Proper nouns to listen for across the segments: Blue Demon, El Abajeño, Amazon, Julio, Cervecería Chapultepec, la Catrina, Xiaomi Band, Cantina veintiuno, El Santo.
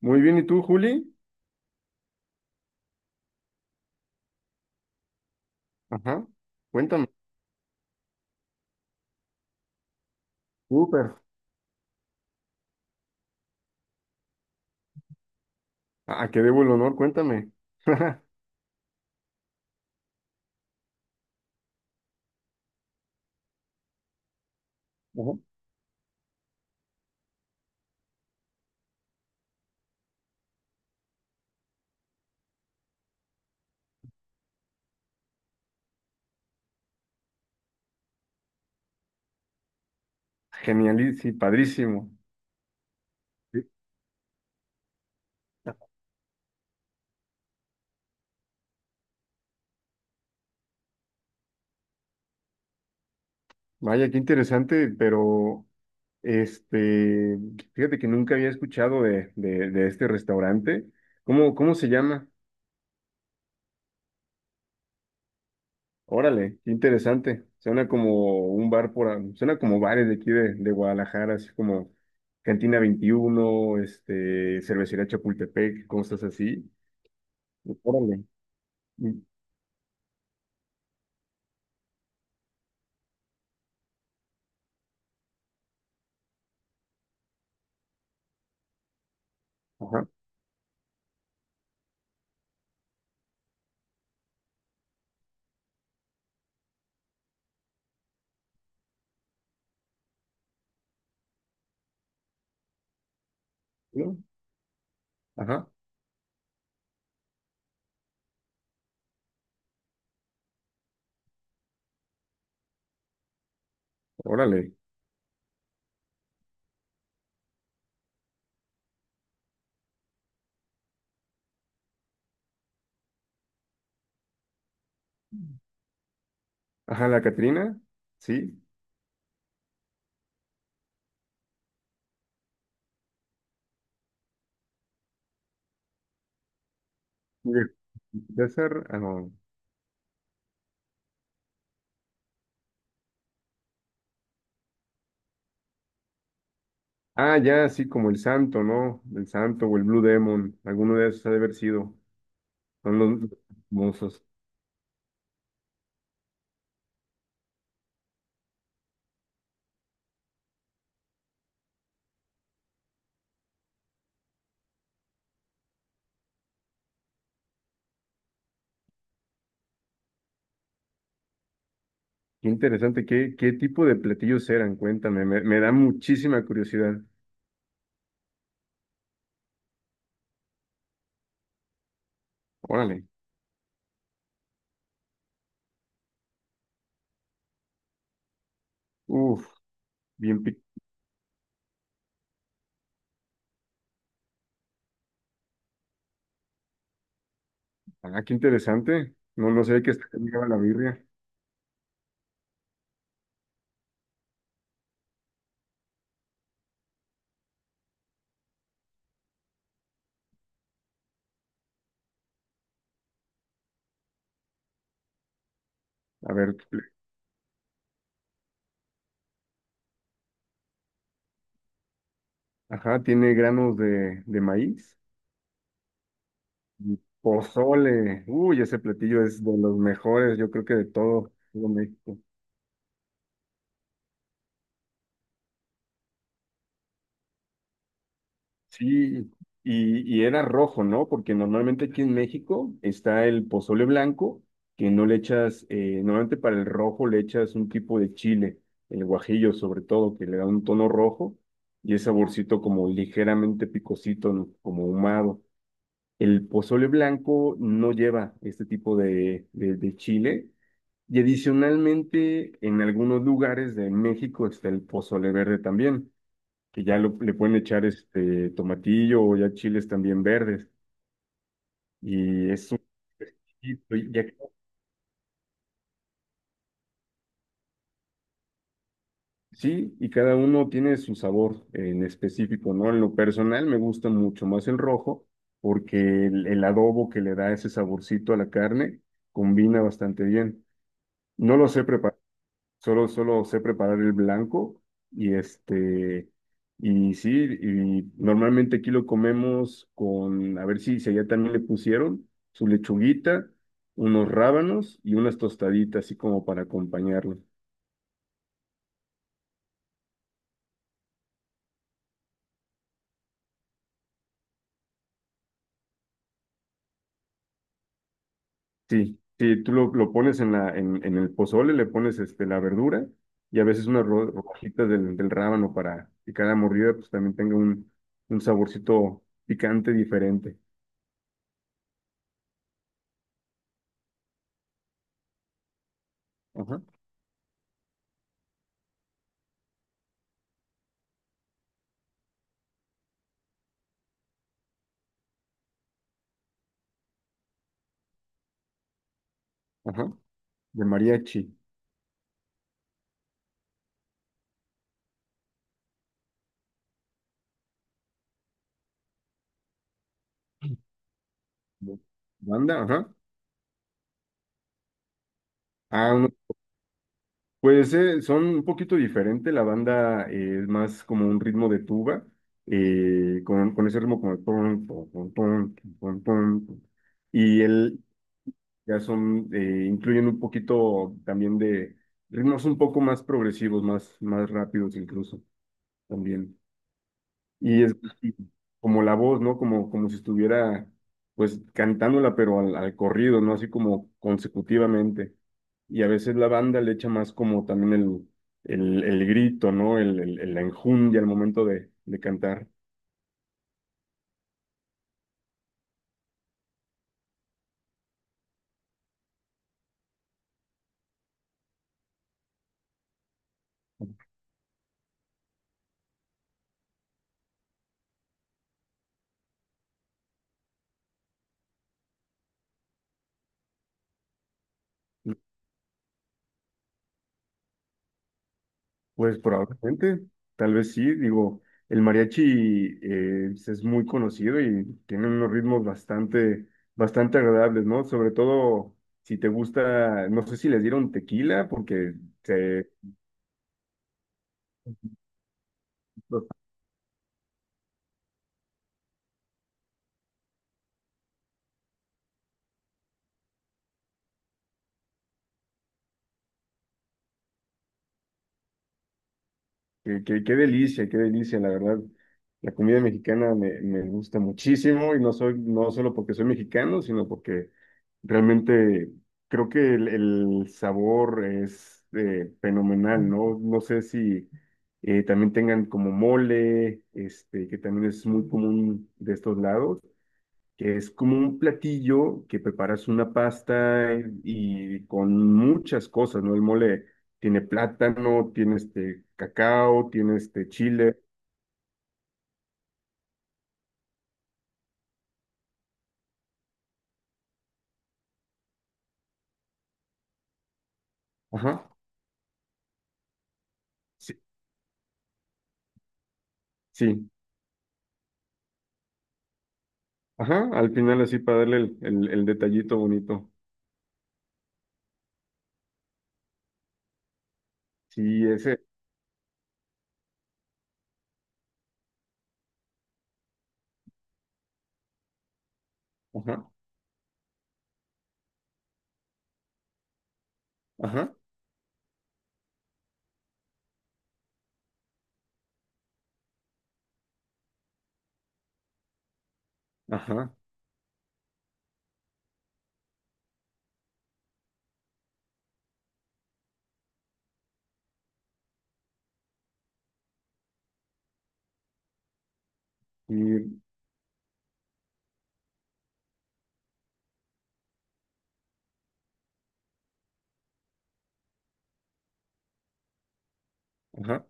Muy bien, ¿y tú, Juli? Ajá, cuéntame. Súper. ¿A qué debo el honor? Cuéntame. Ajá. Genialísimo, padrísimo. Sí. Vaya, qué interesante, pero este, fíjate que nunca había escuchado de este restaurante. ¿Cómo se llama? Órale, qué interesante. Suena como un bar suena como bares de aquí de Guadalajara, así como Cantina 21 este, Cervecería Chapultepec, cosas así. Órale. Ajá. ¿No? Ajá, órale. Ajá, la Catrina, sí. Y el César, ah, no. Ah, ya, sí, como el Santo, ¿no? El Santo o el Blue Demon, alguno de esos ha de haber sido. Son los famosos. Qué interesante, ¿qué, qué tipo de platillos eran? Cuéntame, me da muchísima curiosidad. Órale. Uf, bien pic- Ah, qué interesante. No, no sé qué lleva la birria. A ver, ajá, tiene granos de maíz. Mm, pozole, uy, ese platillo es de los mejores, yo creo que de todo, todo México. Sí, y era rojo, ¿no? Porque normalmente aquí en México está el pozole blanco, que no le echas, normalmente para el rojo le echas un tipo de chile, el guajillo sobre todo, que le da un tono rojo y es saborcito como ligeramente picosito, ¿no? Como ahumado. El pozole blanco no lleva este tipo de, de chile. Y adicionalmente, en algunos lugares de México está el pozole verde también, que ya le pueden echar este tomatillo o ya chiles también verdes. Y es un... exquisito, sí, y cada uno tiene su sabor en específico, ¿no? En lo personal me gusta mucho más el rojo porque el adobo que le da ese saborcito a la carne combina bastante bien. No lo sé preparar. Solo, solo sé preparar el blanco y este, y sí, y normalmente aquí lo comemos con, a ver si allá también le pusieron su lechuguita, unos rábanos y unas tostaditas, así como para acompañarlo. Sí, sí, tú lo pones en el pozole, le pones este, la verdura y a veces unas rodajitas del rábano para que cada mordida pues también tenga un saborcito picante diferente. Ajá, ajá, de mariachi. Banda, ajá. Ah, no, pues son un poquito diferente. La banda es más como un ritmo de tuba, con ese ritmo como el ton, ton, ton, ton, ton, ton, ton. Y él ya son, incluyen un poquito también de ritmos un poco más progresivos, más, más rápidos incluso también. Y es y como la voz, ¿no? Como, como si estuviera, pues, cantándola, pero al, al corrido, ¿no? Así como consecutivamente. Y a veces la banda le echa más como también el, el grito, ¿no? El, la enjundia al momento de cantar. Pues probablemente, tal vez sí, digo, el mariachi es muy conocido y tiene unos ritmos bastante, bastante agradables, ¿no? Sobre todo si te gusta, no sé si les dieron tequila, porque se, qué, qué delicia, la verdad. La comida mexicana me gusta muchísimo y no soy, no solo porque soy mexicano, sino porque realmente creo que el sabor es fenomenal, ¿no? No sé si también tengan como mole, este, que también es muy común de estos lados que es como un platillo que preparas una pasta y con muchas cosas, ¿no? El mole tiene plátano, tiene este cacao, tiene este chile. Ajá, sí, sí, ajá, al final así para darle el, el detallito bonito. Sí, ese, ajá, ajá, ajá, y, ajá.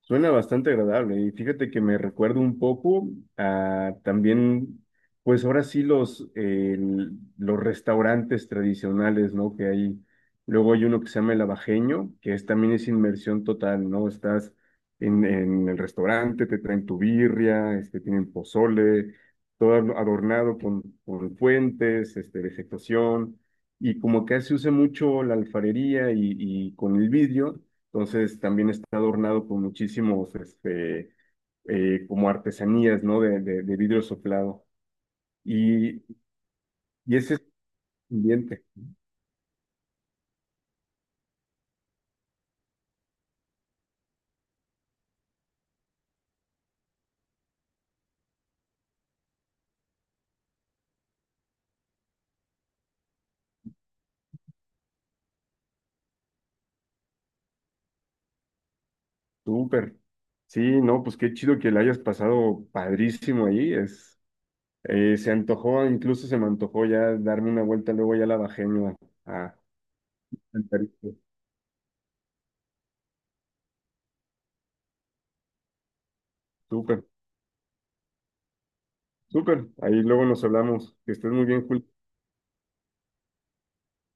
Suena bastante agradable y fíjate que me recuerda un poco a también, pues ahora sí los, los restaurantes tradicionales, ¿no? Que hay, luego hay uno que se llama El Abajeño, que es, también es inmersión total, ¿no? Estás en el restaurante, te traen tu birria, este, tienen pozole, todo adornado con fuentes, este, vegetación, y como que se usa mucho la alfarería y con el vidrio entonces también está adornado con muchísimos, este, como artesanías, ¿no? De, de vidrio soplado. Y, y ese es el ambiente, súper. Sí, no, pues qué chido que la hayas pasado padrísimo ahí. Es, se antojó, incluso se me antojó ya darme una vuelta, luego ya la bajé a, a- al Tarito. Súper, súper. Ahí luego nos hablamos. Que estés muy bien, Julio.